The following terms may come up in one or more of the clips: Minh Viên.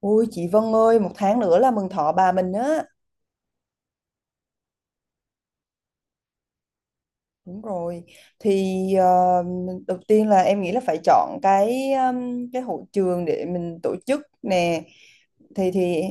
Ôi chị Vân ơi, một tháng nữa là mừng thọ bà mình á. Đúng rồi. Thì đầu tiên là em nghĩ là phải chọn cái hội trường để mình tổ chức nè. Thì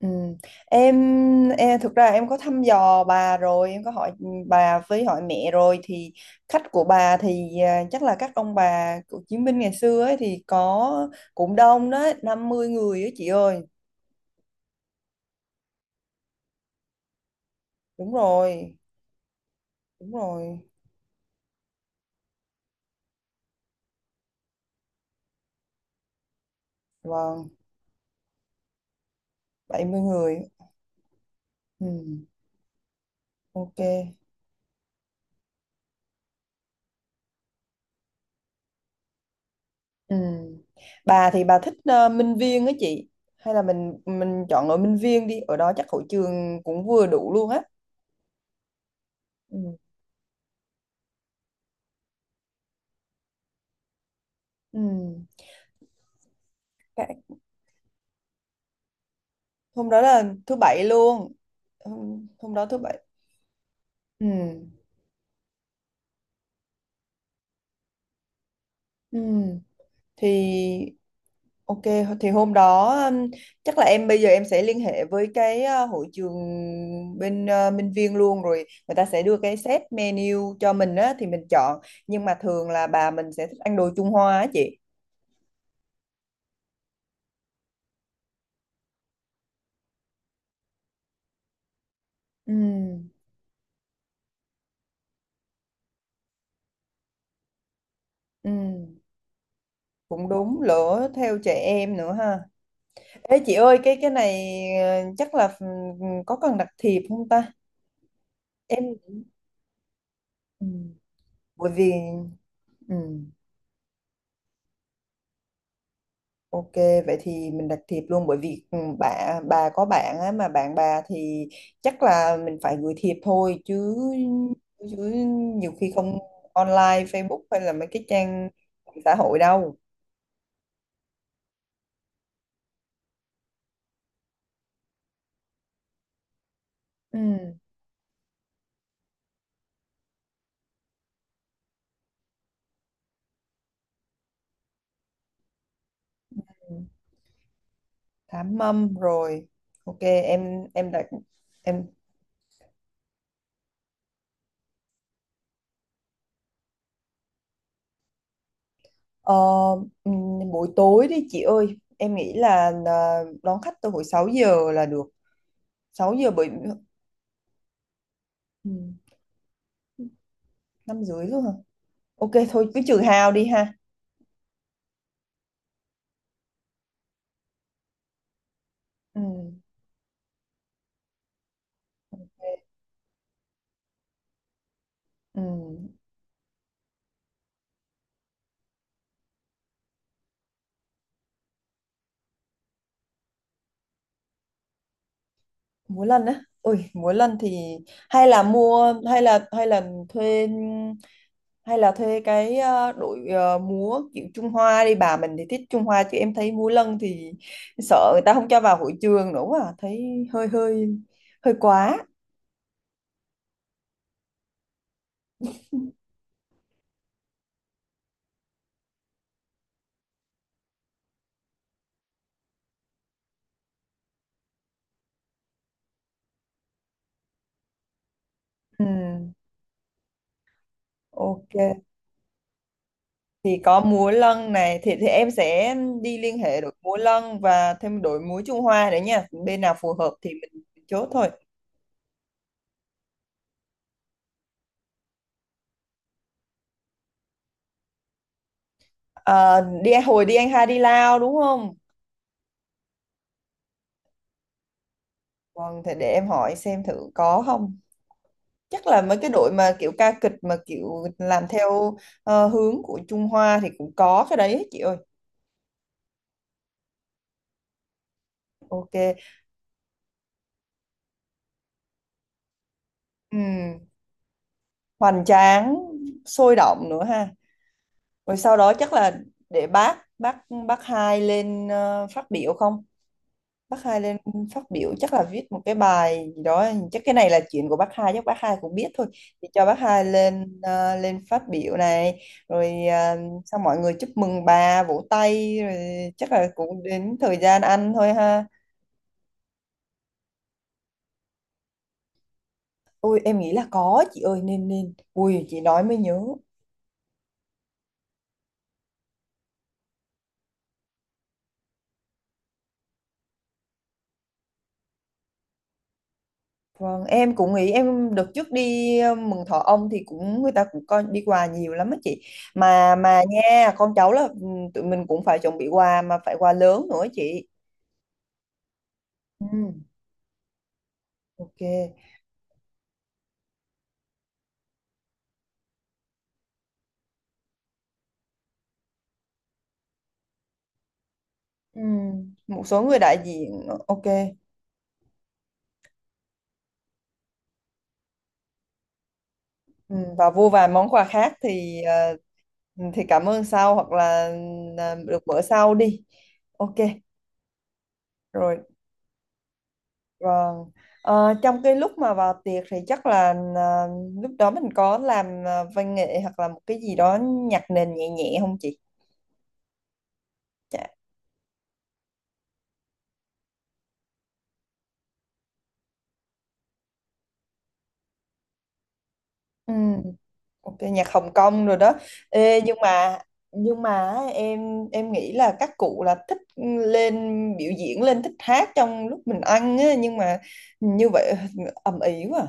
ừ. Em, em thực ra em có thăm dò bà rồi, em có hỏi bà với hỏi mẹ rồi thì khách của bà thì chắc là các ông bà của chiến binh ngày xưa ấy thì có cũng đông đó, 50 người á chị ơi. Đúng rồi. Đúng rồi. Vâng. 70 người. Ừ, ok. Ừ. Bà thì bà thích Minh Viên á chị. Hay là mình chọn ở Minh Viên đi, ở đó chắc hội trường cũng vừa đủ luôn á. Ừ. Ừ. Cái- Hôm đó là thứ bảy luôn. Hôm đó thứ bảy. Ừ. Ừ. Thì Ok, thì hôm đó chắc là em bây giờ em sẽ liên hệ với cái hội trường bên Minh Viên luôn rồi người ta sẽ đưa cái set menu cho mình á thì mình chọn, nhưng mà thường là bà mình sẽ thích ăn đồ Trung Hoa á chị. Ừ, ừ, cũng đúng, lỡ theo trẻ em nữa ha. Ê chị ơi cái này chắc là có cần đặt thiệp không ta? Em ừ, bởi vì ừ. Ok, vậy thì mình đặt thiệp luôn bởi vì bà có bạn á, mà bạn bà thì chắc là mình phải gửi thiệp thôi chứ chứ nhiều khi không online Facebook hay là mấy cái trang mạng xã hội đâu. Ừ. Ừ, Thám mâm rồi. Ok, em đặt em ờ, ừ, buổi tối đi chị ơi. Em nghĩ là đón khách từ hồi 6 giờ là được. 6 giờ, bởi ừ, 5 rưỡi rồi hả? Ok thôi cứ trừ hao đi ha. Ừ. Ừ, múa lân á, ui múa lân thì hay là mua hay là thuê, hay là thuê cái đội múa kiểu Trung Hoa đi, bà mình thì thích Trung Hoa chứ em thấy múa lân thì sợ người ta không cho vào hội trường nữa, quá à. Thấy hơi hơi hơi quá. ừ, ok, thì có múa lân này thì em sẽ đi liên hệ đội múa lân và thêm đội múa Trung Hoa nữa nha, bên nào phù hợp thì mình chốt thôi. Ờ, đi hồi đi anh hai đi Lao đúng không? Vâng, thì để em hỏi xem thử có không. Chắc là mấy cái đội mà kiểu ca kịch mà kiểu làm theo hướng của Trung Hoa thì cũng có cái đấy chị ơi. Ok. Ừm, hoành tráng, sôi động nữa ha. Rồi sau đó chắc là để bác hai lên phát biểu không? Bác Hai lên phát biểu chắc là viết một cái bài gì đó, chắc cái này là chuyện của bác Hai, chắc bác Hai cũng biết thôi thì cho bác Hai lên phát biểu này rồi xong mọi người chúc mừng bà, vỗ tay rồi chắc là cũng đến thời gian ăn thôi ha. Ôi em nghĩ là có chị ơi, nên nên ui chị nói mới nhớ. Vâng, em cũng nghĩ em đợt trước đi mừng thọ ông thì cũng, người ta cũng coi đi quà nhiều lắm á chị, mà nha con cháu là tụi mình cũng phải chuẩn bị quà, mà phải quà lớn nữa chị. Ừ, ok. Ừ, một số người đại diện, ok. Ừ, và vô vàn món quà khác thì thì cảm ơn sau hoặc là được bữa sau đi. Ok, rồi. Vâng. Ờ, trong cái lúc mà vào tiệc thì chắc là ờ, lúc đó mình có làm văn nghệ hoặc là một cái gì đó nhạc nền nhẹ nhẹ không chị? Dạ. Ừ. Ok, nhạc Hồng Kông rồi đó. Ê, nhưng mà em nghĩ là các cụ là thích lên biểu diễn, lên thích hát trong lúc mình ăn á, nhưng mà như vậy ầm ĩ quá. À.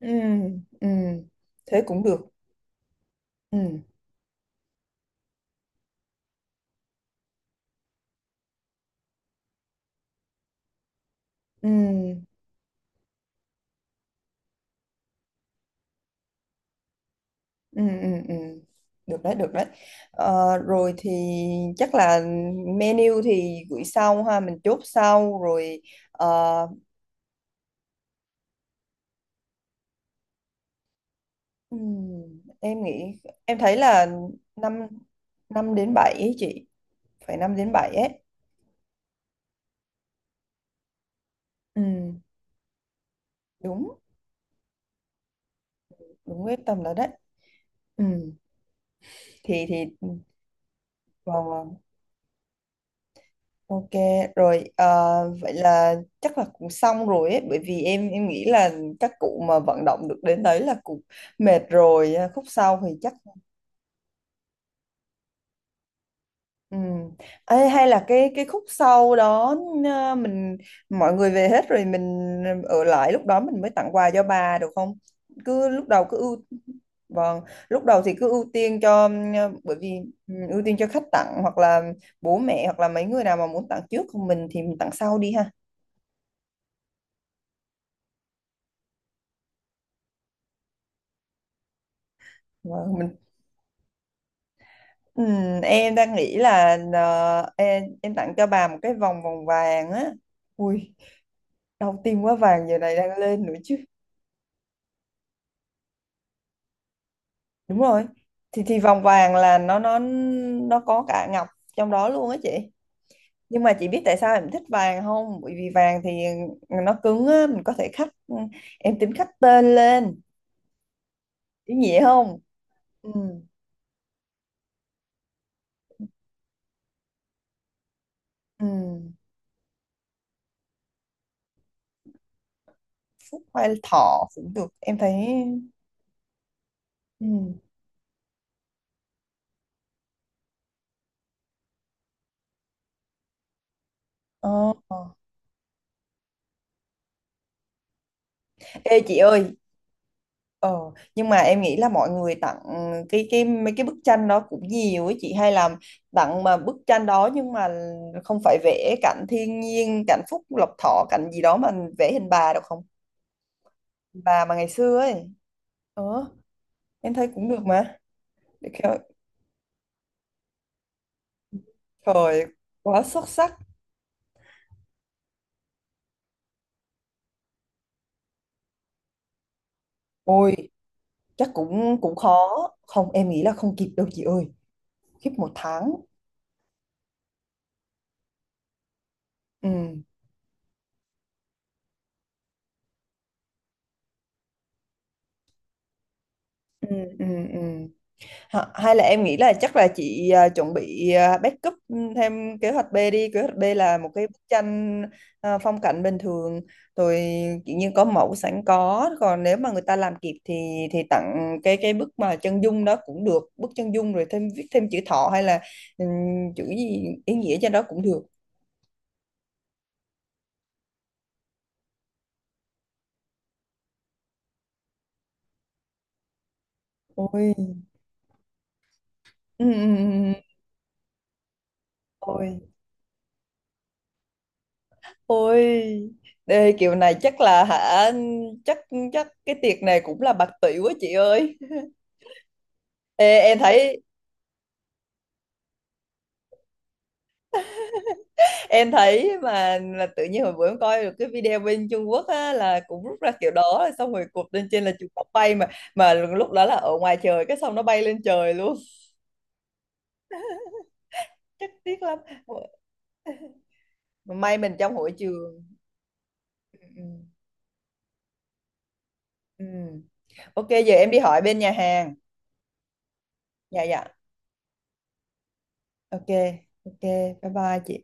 Ừ, ừ, thế cũng được. Ừ, ừ, ừ, ừ, ừ. Được đấy, được đấy. Ờ, rồi thì chắc là menu thì gửi sau ha, mình chốt sau rồi. Ờ, ừm, em nghĩ em thấy là 5 năm đến 7 ấy chị, phải 5 đến 7 ấy. Ừm, đúng đúng cái tầm đó đấy. Ừm, thì vâng, vâng, ok rồi vậy là chắc là cũng xong rồi ấy, bởi vì em nghĩ là các cụ mà vận động được đến đấy là cũng mệt rồi à, khúc sau thì chắc. Ừ. Ê, hay là cái khúc sau đó mình, mọi người về hết rồi mình ở lại, lúc đó mình mới tặng quà cho bà được không? Cứ lúc đầu cứ ưu Vâng, lúc đầu thì cứ ưu tiên cho bởi vì ưu tiên cho khách tặng hoặc là bố mẹ hoặc là mấy người nào mà muốn tặng trước, còn mình thì mình tặng sau đi ha. Vâng, mình ừ, em đang nghĩ là em tặng cho bà một cái vòng vòng vàng á. Ui, đau tim quá, vàng giờ này đang lên nữa chứ. Đúng rồi, thì vòng vàng là nó có cả ngọc trong đó luôn á chị. Nhưng mà chị biết tại sao em thích vàng không, bởi vì vàng thì nó cứng á, mình có thể khắc em tính khắc tên lên, ý nghĩa không? Ừ, ừ, phúc hay thọ cũng được em thấy. Ừ. Ờ, ờ. Ê chị ơi, ờ, nhưng mà em nghĩ là mọi người tặng cái mấy cái bức tranh đó cũng nhiều ấy chị, hay làm tặng mà bức tranh đó, nhưng mà không phải vẽ cảnh thiên nhiên, cảnh Phúc Lộc Thọ, cảnh gì đó mà vẽ hình bà được không, bà mà ngày xưa ấy. ờ, em thấy cũng được mà. Để trời, quá xuất sắc. Ôi chắc cũng cũng khó. Không, em nghĩ là không kịp đâu chị ơi, khiếp một tháng. Ừ, ừ, ừ, ừ. Hay là em nghĩ là chắc là chị chuẩn bị backup thêm kế hoạch B đi. Kế hoạch B là một cái bức tranh phong cảnh bình thường, rồi tự nhiên có mẫu sẵn có. Còn nếu mà người ta làm kịp thì tặng cái bức mà chân dung đó cũng được. Bức chân dung rồi thêm viết thêm chữ thọ hay là ừm, chữ gì ý nghĩa trên đó cũng được. Ôi, ừ, ừ, ừ. Ôi, ôi. Đây, kiểu này chắc là hả, chắc chắc cái tiệc này cũng là bạc tỷ quá chị ơi. Ê, em thấy mà là tự nhiên hồi bữa em coi được cái video bên Trung Quốc á, là cũng rút ra kiểu đó rồi xong rồi cột lên trên là chụp, cọc bay mà lúc đó là ở ngoài trời cái xong nó bay lên trời luôn chắc tiếc lắm. Mà may mình trong hội trường. Ừ. Ừ. Ừ. Ok giờ em đi hỏi bên nhà hàng. Dạ, dạ. Ok, ok. Bye bye chị.